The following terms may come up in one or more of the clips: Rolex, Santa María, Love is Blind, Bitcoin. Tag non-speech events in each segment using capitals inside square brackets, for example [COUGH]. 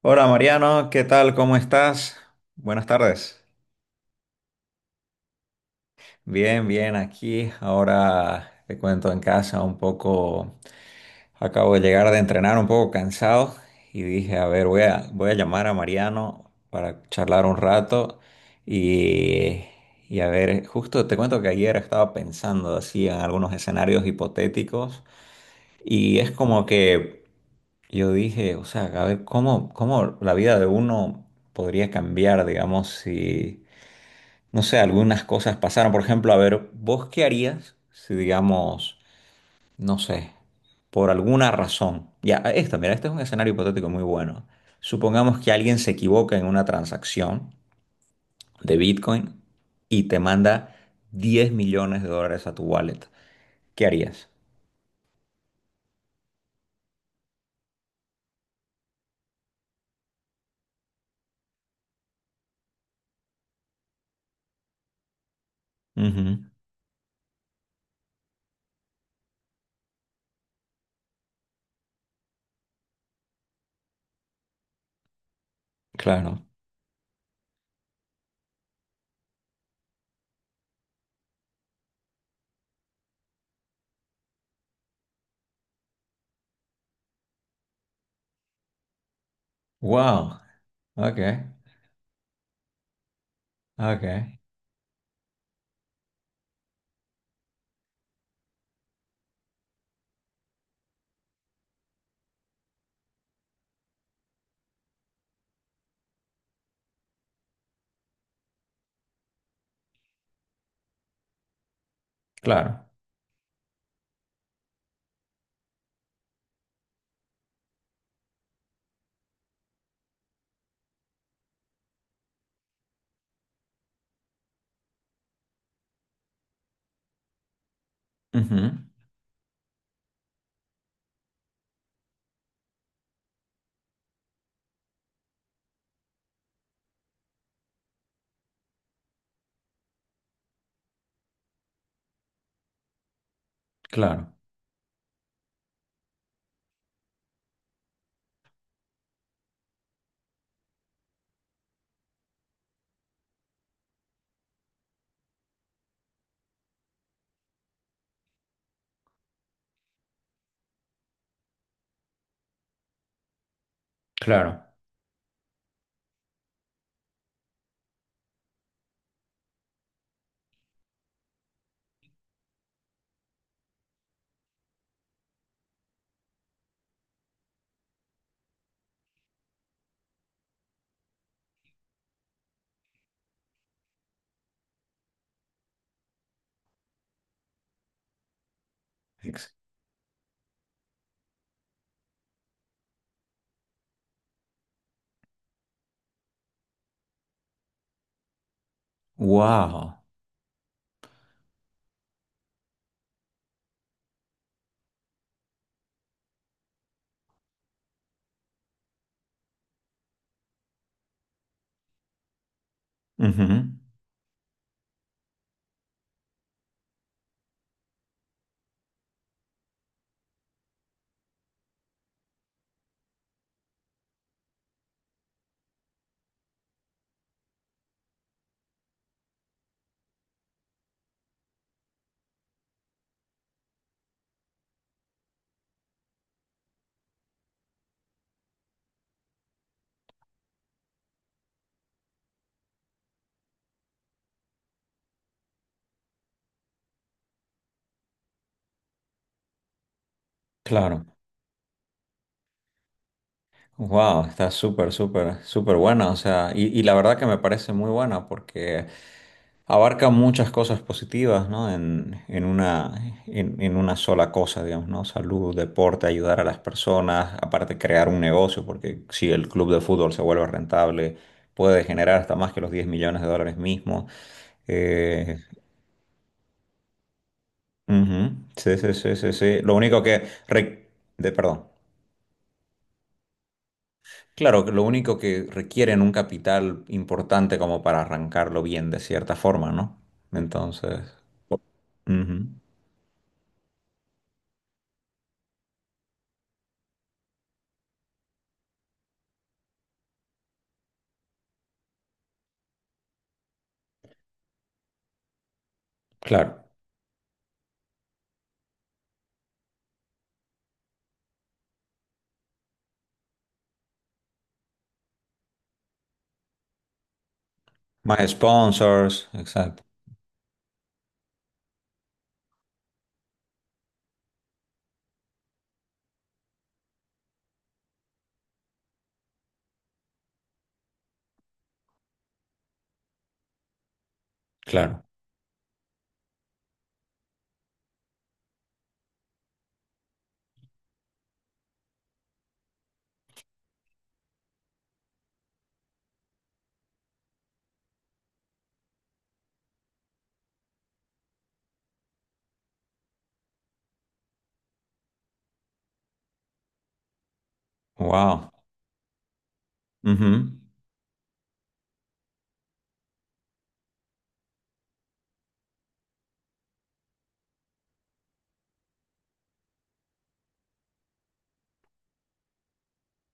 Hola Mariano, ¿qué tal? ¿Cómo estás? Buenas tardes. Bien, bien, aquí. Ahora te cuento en casa un poco. Acabo de llegar de entrenar un poco cansado y dije, a ver, voy a llamar a Mariano para charlar un rato y, y a ver, justo te cuento que ayer estaba pensando así en algunos escenarios hipotéticos y es como que yo dije, o sea, a ver, ¿cómo la vida de uno podría cambiar, digamos, si no sé, algunas cosas pasaron? Por ejemplo, a ver, ¿vos qué harías si, digamos, no sé, por alguna razón? Ya, mira, este es un escenario hipotético muy bueno. Supongamos que alguien se equivoca en una transacción de Bitcoin y te manda $10 millones a tu wallet. ¿Qué harías? Ujú, claro. Wow. Ok, ok. Claro. Ujú, claro, claro. Ex- Wow. Ujú, claro. Wow, está súper, súper, súper buena, o sea, y la verdad que me parece muy buena porque abarca muchas cosas positivas, ¿no? En una sola cosa, digamos, ¿no? Salud, deporte, ayudar a las personas, aparte crear un negocio, porque si el club de fútbol se vuelve rentable, puede generar hasta más que los $10 millones mismos. Eh, ujú, sí, sí, sí, sí, sí. Lo único que perdón. Claro, que lo único que requieren un capital importante como para arrancarlo bien de cierta forma, ¿no? Entonces, ujú, claro. Más sponsors, exacto. Claro. Wow. Ujú,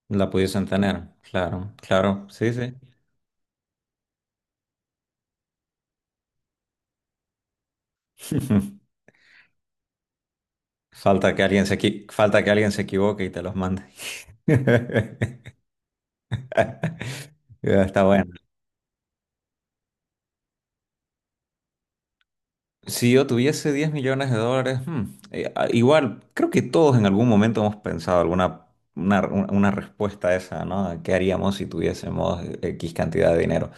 la pudiesen tener. Claro, claro. Sí, sí. [LAUGHS] Falta que alguien se equivoque y te los mande. [LAUGHS] Ya, está bueno. Si yo tuviese $10 millones, igual, creo que todos en algún momento hemos pensado alguna una respuesta a esa, ¿no? ¿Qué haríamos si tuviésemos X cantidad de dinero?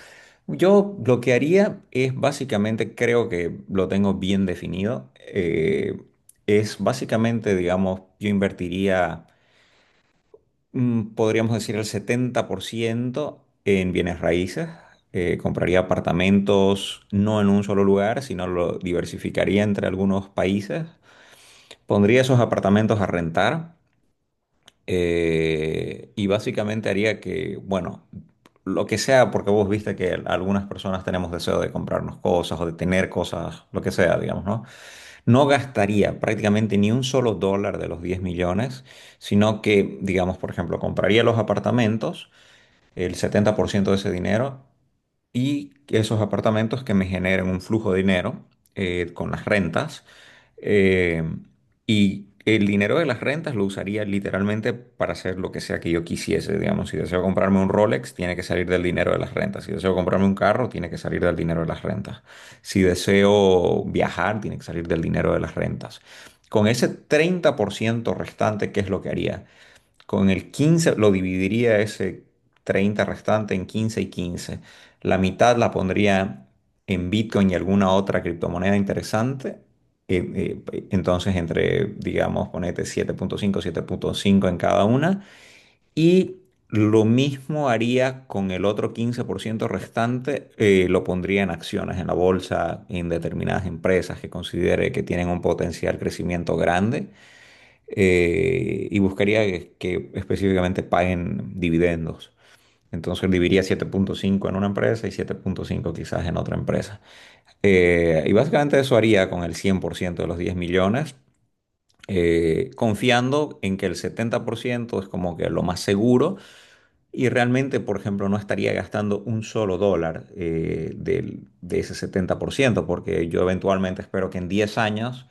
Yo lo que haría es básicamente, creo que lo tengo bien definido, es básicamente, digamos, yo invertiría, podríamos decir, el 70% en bienes raíces. Compraría apartamentos no en un solo lugar, sino lo diversificaría entre algunos países. Pondría esos apartamentos a rentar y básicamente haría que, bueno, lo que sea, porque vos viste que algunas personas tenemos deseo de comprarnos cosas o de tener cosas, lo que sea, digamos, ¿no? No gastaría prácticamente ni un solo dólar de los 10 millones, sino que, digamos, por ejemplo, compraría los apartamentos, el 70% de ese dinero, y esos apartamentos que me generen un flujo de dinero con las rentas. eh, y el dinero de las rentas lo usaría literalmente para hacer lo que sea que yo quisiese. Digamos, si deseo comprarme un Rolex, tiene que salir del dinero de las rentas. Si deseo comprarme un carro, tiene que salir del dinero de las rentas. Si deseo viajar, tiene que salir del dinero de las rentas. Con ese 30% restante, ¿qué es lo que haría? Con el 15 lo dividiría, ese 30 restante en 15 y 15. La mitad la pondría en Bitcoin y alguna otra criptomoneda interesante. Entonces, entre, digamos, ponete 7,5, 7,5 en cada una. Y lo mismo haría con el otro 15% restante, lo pondría en acciones, en la bolsa, en determinadas empresas que considere que tienen un potencial crecimiento grande, y buscaría que, específicamente paguen dividendos. Entonces dividiría 7,5 en una empresa y 7,5 quizás en otra empresa. Y básicamente eso haría con el 100% de los 10 millones, confiando en que el 70% es como que lo más seguro y realmente, por ejemplo, no estaría gastando un solo dólar, de ese 70%, porque yo eventualmente espero que en 10 años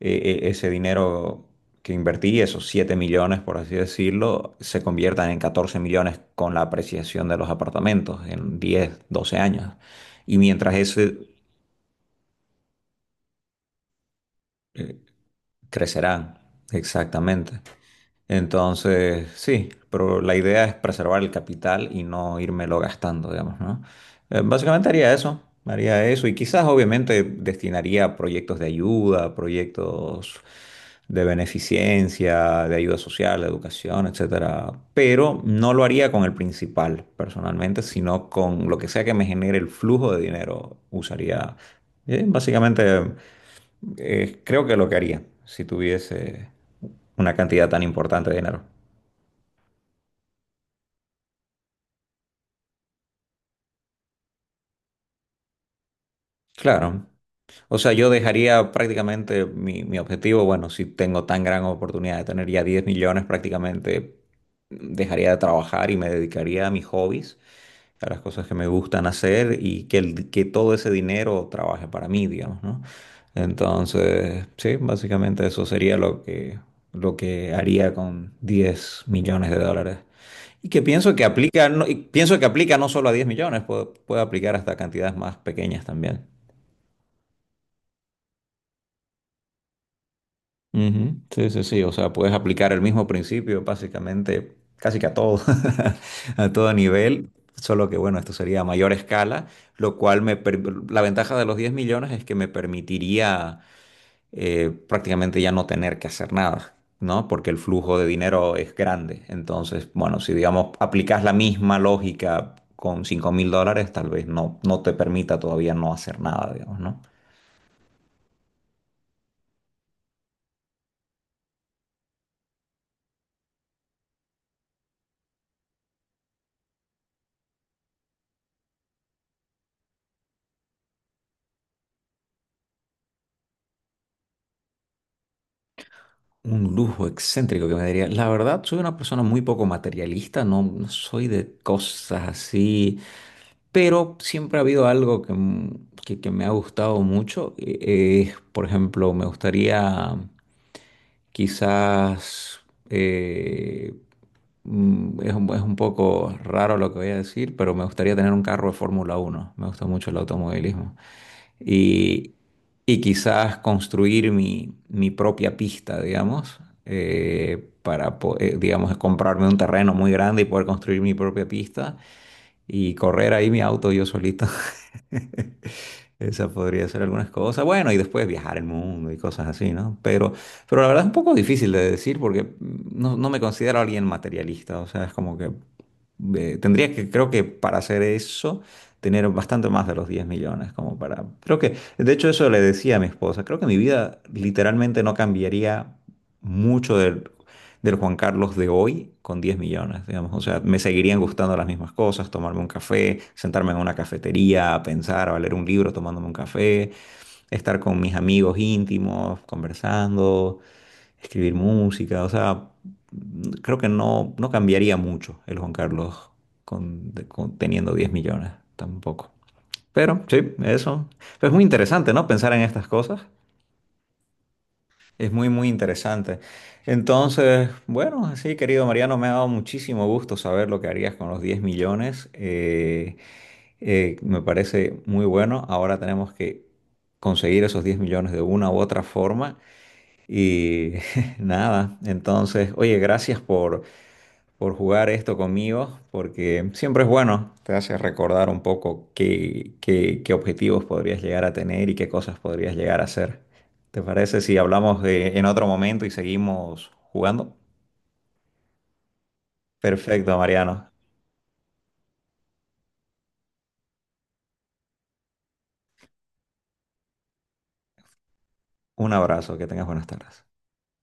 ese dinero que invertí, esos 7 millones, por así decirlo, se conviertan en 14 millones con la apreciación de los apartamentos en 10 12 años. Y mientras ese, crecerán, exactamente. Entonces, sí, pero la idea es preservar el capital y no írmelo gastando, digamos, ¿no? Básicamente haría eso y quizás obviamente destinaría a proyectos de ayuda, proyectos de beneficencia, de ayuda social, de educación, etcétera, pero no lo haría con el principal personalmente, sino con lo que sea que me genere el flujo de dinero, usaría, básicamente, creo que lo que haría si tuviese una cantidad tan importante de dinero. Claro. O sea, yo dejaría prácticamente mi objetivo, bueno, si tengo tan gran oportunidad de tener ya 10 millones, prácticamente dejaría de trabajar y me dedicaría a mis hobbies, a las cosas que me gustan hacer, y que, que todo ese dinero trabaje para mí, digamos, ¿no? Entonces, sí, básicamente eso sería lo que haría con $10 millones. Y que pienso que aplica, no, y pienso que aplica no solo a 10 millones, puede, puede aplicar hasta cantidades más pequeñas también. Ujú, sí, sí, sí, o sea, puedes aplicar el mismo principio básicamente casi que a todo, [LAUGHS] a todo nivel, solo que bueno, esto sería a mayor escala, lo cual la ventaja de los 10 millones es que me permitiría prácticamente ya no tener que hacer nada, ¿no? Porque el flujo de dinero es grande, entonces, bueno, si digamos aplicas la misma lógica con $5.000, tal vez no, no te permita todavía no hacer nada, digamos, ¿no? Un lujo excéntrico que me daría. La verdad, soy una persona muy poco materialista, no, no soy de cosas así, pero siempre ha habido algo que me ha gustado mucho. Por ejemplo, me gustaría. Quizás eh, es un poco raro lo que voy a decir, pero me gustaría tener un carro de Fórmula 1. Me gusta mucho el automovilismo. Y, y quizás construir mi propia pista, digamos, digamos, comprarme un terreno muy grande y poder construir mi propia pista y correr ahí mi auto yo solito. [LAUGHS] Esa podría ser algunas cosas. Bueno, y después viajar el mundo y cosas así, ¿no? Pero la verdad es un poco difícil de decir porque no, no me considero alguien materialista. O sea, es como que tendría que, creo que para hacer eso, tener bastante más de los 10 millones, como para. Creo que, de hecho, eso le decía a mi esposa. Creo que mi vida literalmente no cambiaría mucho del Juan Carlos de hoy con 10 millones, digamos. O sea, me seguirían gustando las mismas cosas: tomarme un café, sentarme en una cafetería, pensar, o leer un libro tomándome un café, estar con mis amigos íntimos, conversando, escribir música. O sea, creo que no, no cambiaría mucho el Juan Carlos teniendo 10 millones, tampoco. Pero sí, eso. Pero es muy interesante, ¿no? Pensar en estas cosas. Es muy, muy interesante. Entonces, bueno, sí, querido Mariano, me ha dado muchísimo gusto saber lo que harías con los 10 millones. Me parece muy bueno. Ahora tenemos que conseguir esos 10 millones de una u otra forma. Y [LAUGHS] nada, entonces, oye, gracias por jugar esto conmigo, porque siempre es bueno, te hace recordar un poco qué objetivos podrías llegar a tener y qué cosas podrías llegar a hacer. ¿Te parece si hablamos en otro momento y seguimos jugando? Perfecto, Mariano. Un abrazo, que tengas buenas tardes.